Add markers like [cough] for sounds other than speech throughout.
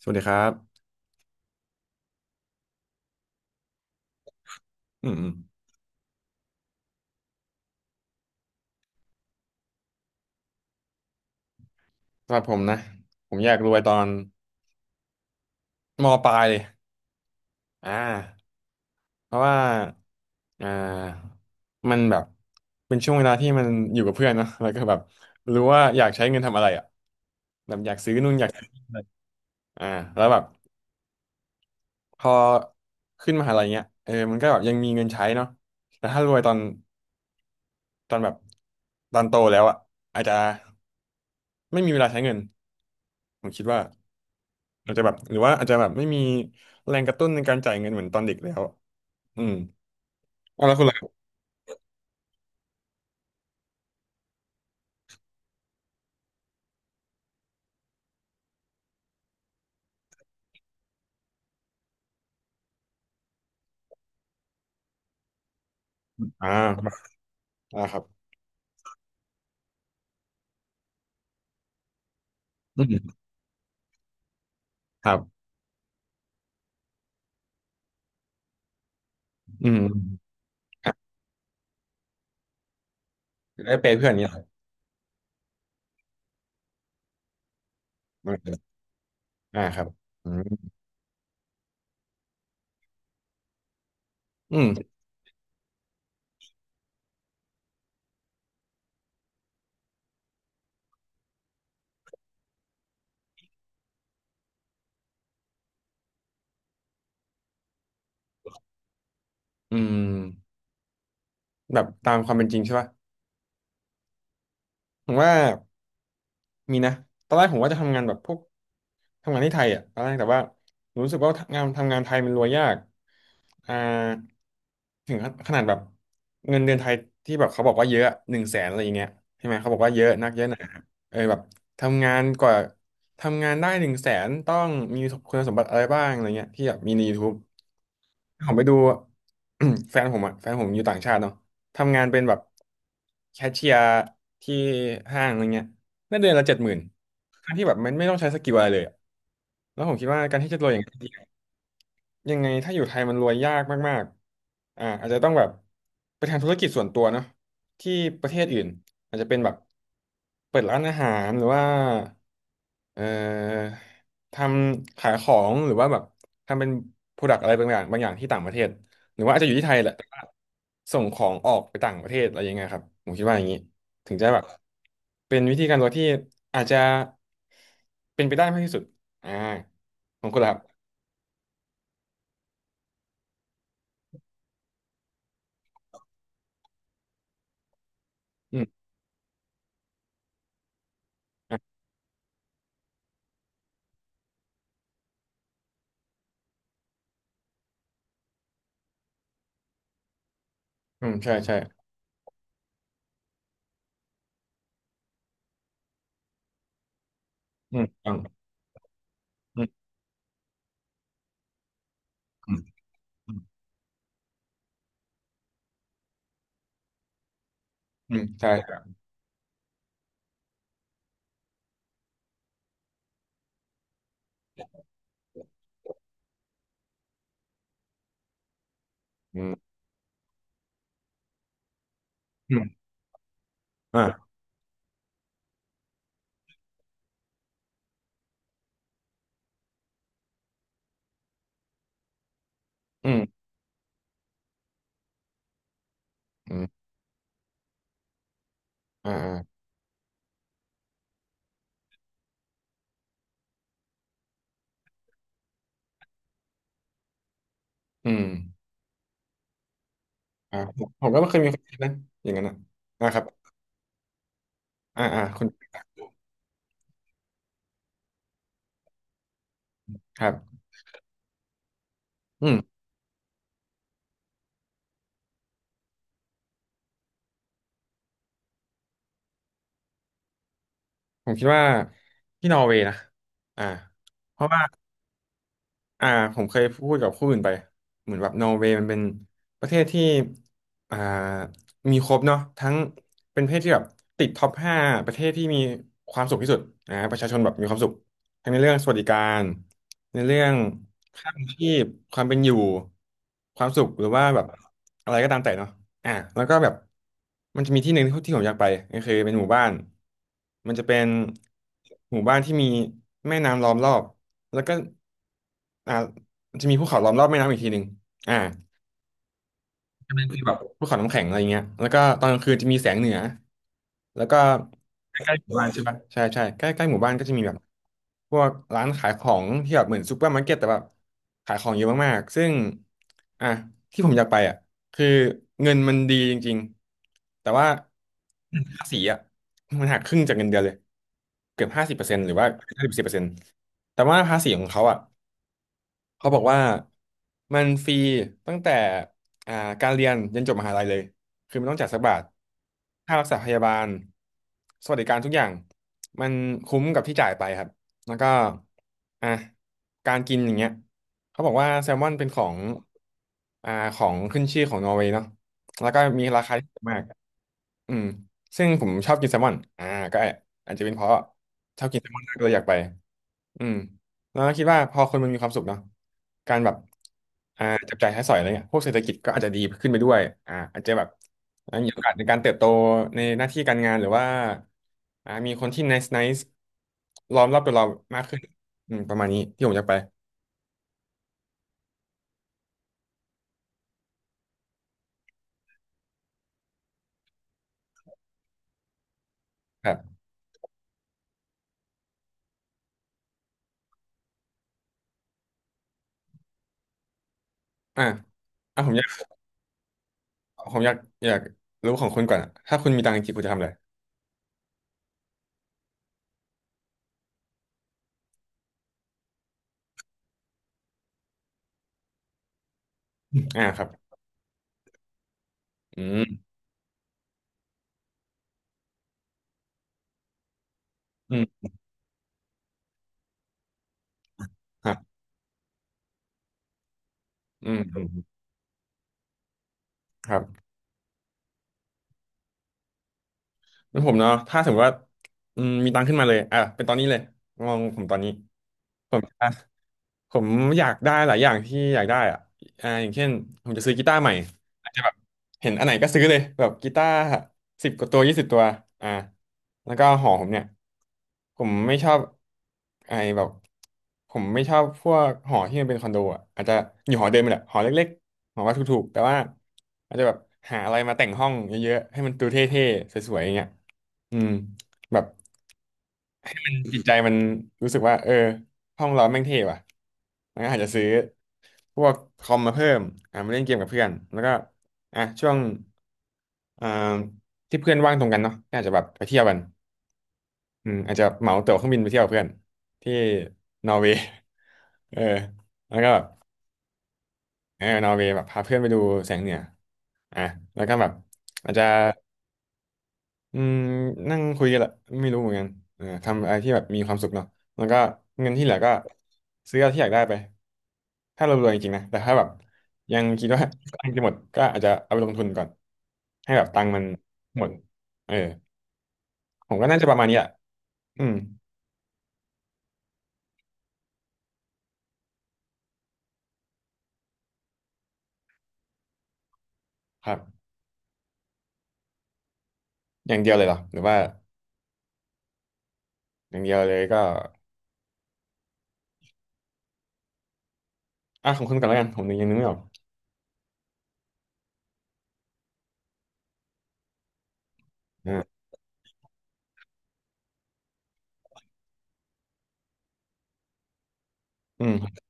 สวัสดีครับอืมอืมสำหรับผมนะผมอยากรวยตอนมปลายเลยอ่าเพราะว่าอ่ามันแบบเป็นช่วงเวลาที่มันอยู่กับเพื่อนเนอะแล้วก็แบบรู้ว่าอยากใช้เงินทำอะไรอ่ะอ่าแล้วแบบพอขึ้นมหาลัยเงี้ยมันก็แบบยังมีเงินใช้เนาะแต่ถ้ารวยตอนตอนแบบตอนโตแล้วอ่ะอาจจะไม่มีเวลาใช้เงินผมคิดว่าอาจจะแบบหรือว่าอาจจะแบบไม่มีแรงกระตุ้นในการจ่ายเงินเหมือนตอนเด็กแล้ว อืมเอาแล้วคุณล่ะอ่าอ่าครับอืมครับอืมครับได้เปย์เพื่อนอย่างนี้เหรออืมอ่าครับอืมอืมอืมแบบตามความเป็นจริงใช่ป่ะผมว่า มีนะตอนแรกผมว่าจะทำงานแบบพวกทำงานที่ไทยอ่ะตอนแรกแต่ว่าผมรู้สึกว่างานทำงานไทยมันรวยยากอ่าถึงขนาดแบบเงินเดือนไทยที่แบบเขาบอกว่าเยอะหนึ่งแสนอะไรอย่างเงี้ยใช่ไหมเขาบอกว่าเยอะนักเยอะหนาแบบทำงานกว่าทำงานได้หนึ่งแสนต้องมีคุณสมบัติอะไรบ้างอะไรเงี้ยที่แบบมีใน YouTube ผมไปดู [clears throat] แฟนผมอยู่ต่างชาติเนาะทำงานเป็นแบบแคชเชียร์ที่ห้างอะไรเงี้ยได้เดือนละ70,000ทั้งที่แบบมันไม่ต้องใช้สกิลอะไรเลยอะแล้วผมคิดว่าการที่จะรวยอย่างนน ยังไงถ้าอยู่ไทยมันรวยยากมากๆอาจจะต้องแบบไปทำธุรกิจส่วนตัวเนาะที่ประเทศอื่นอาจจะเป็นแบบเปิดร้านอาหารหรือว่าเอ่อทำขายของหรือว่าแบบทำเป็นโปรดักต์อะไรบางอย่างที่ต่างประเทศหรือว่าอาจจะอยู่ที่ไทยแหละแต่ว่าส่งของออกไปต่างประเทศอะไรยังไงครับผมคิดว่าอย่างนี้ถึงจะแบบเป็นวิธีการรวยที่อาจจะเป็นไปได้มากที่สุดอ่าของคุณล่ะครับอืม อืมใช่ใช่อืมฟังอืมอืมอืมอืมใช่ครับอืมอืมอ่าอืมอืมอ่าอ่าอืมอ่าผมก็ไม่เคยมีความคิดนั้นอย่างนั้นนะอ่าครับอ่าอ่าคุณครับอืมผมคิดว่าที่นอร์เวย์นะอ่าเพราะว่า อ่าผมเคยพูดกับผู้อื่นไปเหมือนแบบนอร์เวย์มันเป็นประเทศที่อ่ามีครบเนาะทั้งเป็นประเทศที่แบบติดท็อป 5ประเทศที่มีความสุขที่สุดประชาชนแบบมีความสุขทั้งในเรื่องสวัสดิการในเรื่องค่าครองชีพความเป็นอยู่ความสุขหรือว่าแบบอะไรก็ตามแต่เนาะ อ่ะแล้วก็แบบมันจะมีที่หนึ่งที่ที่ผมอยากไปก็คือเป็นหมู่บ้านมันจะเป็นหมู่บ้านที่มีแม่น้ำล้อมรอบแล้วก็อ่ามันจะมีภูเขาล้อมรอบแม่น้ำอีกทีหนึ่งอ่า ใช่ไมคือแบบภูเขาน้ำแข็งอะไรเงี้ยแล้วก็ตอนกลางคืนจะมีแสงเหนือ แล้วก็ใกล้ๆหมู่บ้านใช่ปะใช่ใช่ใกล้ใกล้หมู่บ้านก็จะมีแบบพวกร้านขายของที่แบบเหมือนซูเปอร์มาร์เก็ตแต่แบบขายของเยอะมากๆซึ่งอ่ะที่ผมอยากไปอ่ะคือเงินมันดีจริงๆแต่ว่าภาษีอ่ะมันหักครึ่งจากเงินเดือนเลยเกือบห้าสิบเปอร์เซ็นต์หรือว่าห้าสิบเปอร์เซ็นต์แต่ว่าภาษีของเขาอ่ะ เขาบอกว่ามันฟรีตั้งแต่อ่าการเรียนยันจบมหาลัยเลยคือไม่ต้องจ่ายสักบาทค่ารักษาพยาบาลสวัสดิการทุกอย่างมันคุ้มกับที่จ่ายไปครับแล้วก็อ่ะการกินอย่างเงี้ยเขาบอกว่าแซลมอนเป็นของอ่าของขึ้นชื่อของนอร์เวย์เนาะแล้วก็มีราคาที่ถูกมากอืมซึ่งผมชอบกินแซลมอนก็อาจจะเป็นเพราะชอบกินแซลมอนมากเลยอยากไป อืมแล้วคิดว่าพอคนมันมีความสุขเนาะการแบบจับจ่ายใช้สอยอะไรเนี่ยพวกเศรษฐกิจก็อาจจะดีขึ้นไปด้วยอาจจะแบบมีโอกาสในการเติบโตในหน้าที่การงานหรือว่ามีคนที่ nice nice ล้อมรอบตัวเรามากขึ้นอืมประมาณนี้ที่ผมอยากไปครับอ่าอ่าผมอยากผมอยากรู้ของคุณก่อนอะถ้าคุณมีตังค์จริงๆคุณจะทำอะไรอ่าครับอืมอืมครับอืมอืมครับ แล้วผมเนาะถ้าสมมติว่ามีตังค์ขึ้นมาเลยอ่ะเป็นตอนนี้เลยมองผมตอนนี้ผม ผมอยากได้หลายอย่างที่อยากได้อะอย่างเช่นผมจะซื้อกีตาร์ใหม่อาจจะแบบเห็นอันไหนก็ซื้อเลยแบบกีตาร์สิบกว่าตัว20ตัวอ่าแล้วก็หอผมเนี่ยผมไม่ชอบไอ้แบบผมไม่ชอบพวกหอที่มันเป็นคอนโดอ่ะอาจจะอยู่หอเดิมนี่แหละหอเล็กๆหอว่าถูกๆแต่ว่าอาจจะแบบหาอะไรมาแต่งห้องเยอะๆให้มันดูเท่ๆสวยๆอย่างเงี้ยอืมแบบ จิตใจมันรู้สึกว่าเออห้องเราแม่งเท่ว่ะมันก็อาจจะซื้อพวกคอมมาเพิ่มมาเล่นเกมกับเพื่อน แล้วก็อ่ะช่วงอ่าที่เพื่อนว่างตรงกันเนาะก็อาจจะแบบไปเที่ยวกันอืมอาจจะเหมาตั๋วเครื่องบินไปเที่ยวกับเพื่อนที่นอร์เวย์ [laughs] เออแล้วก็แบบเออนอร์เวย์แบบพาเพื่อนไปดูแสงเหนืออ่ะแล้วก็แบบอาจจะ อืมนั่งคุยกันแหละไม่รู้เหมือนกันเออทำอะไรที่แบบมีความสุขเนาะแล้วก็เงินที่เหลือก็ซื้อเอาที่อยากได้ไปถ้าเรารวยจริงๆนะแต่ถ้าแบบยังคิดว่า [laughs] กำลังจะหมดก็อาจจะเอาไปลงทุนก่อนให้แบบตังค์มันหมดเออผมก็น่าจะประมาณนี้แหละอืมครับอย่างเดียวเลยเหรอหรือว่าอย่างเดียวเลยก็อ่ะของคุณก่อนแล้วกันผมยังนึกไม่ออกอ่าอืม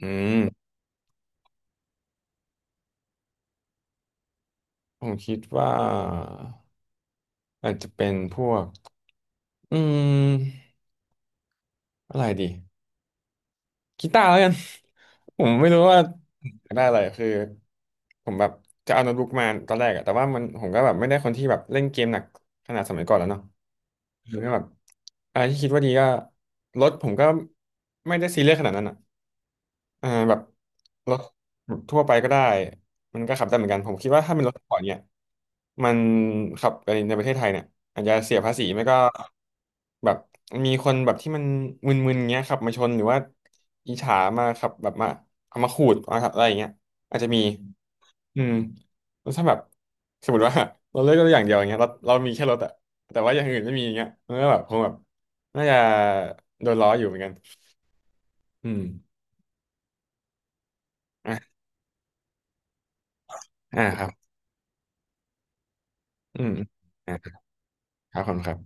อืมผมคิดว่าอาจจะเป็นพวกอืมอะไรดี กีตาร์แล้วกัน [laughs] ผมไม่รู้ว่าอยากได้อะไรคือผมแบบจะเอาโน้ตบุ๊กมาตอนแรกอะแต่ว่ามันผมก็แบบไม่ได้คนที่แบบเล่นเกมหนักขนาดสมัยก่อนแล้วเนาะคือก็แบบอะไรที่คิดว่าดีก็รถผมก็ไม่ได้ซีเรียสขนาดนั้นอะ อ่าแบบรถแบบทั่วไปก็ได้มันก็ขับได้เหมือนกันผมคิดว่าถ้าเป็นรถสปอร์ตเนี่ยมันขับในประเทศไทยเนี่ยอาจจะเสียภาษีไม่ก็แบบมีคนแบบที่มันมึนๆเงี้ยขับมาชนหรือว่าอิจฉามาขับแบบมาเอามาขูดมาขับอะไรอย่างเงี้ยอาจจะมีอืมแล้วถ้าแบบสมมติว่า [laughs] เราเลือกรถอย่างเดียวอย่างเงี้ยเรามีแค่รถอะแต่ว่าอย่างอื่นไม่มีอย่างเงี้ยมันก็แบบคงแบบน่าจะโดนล้ออยู่เหมือนกันอืมอ่ะอ่าครับ อืมอ่ะครับอบคุณครับ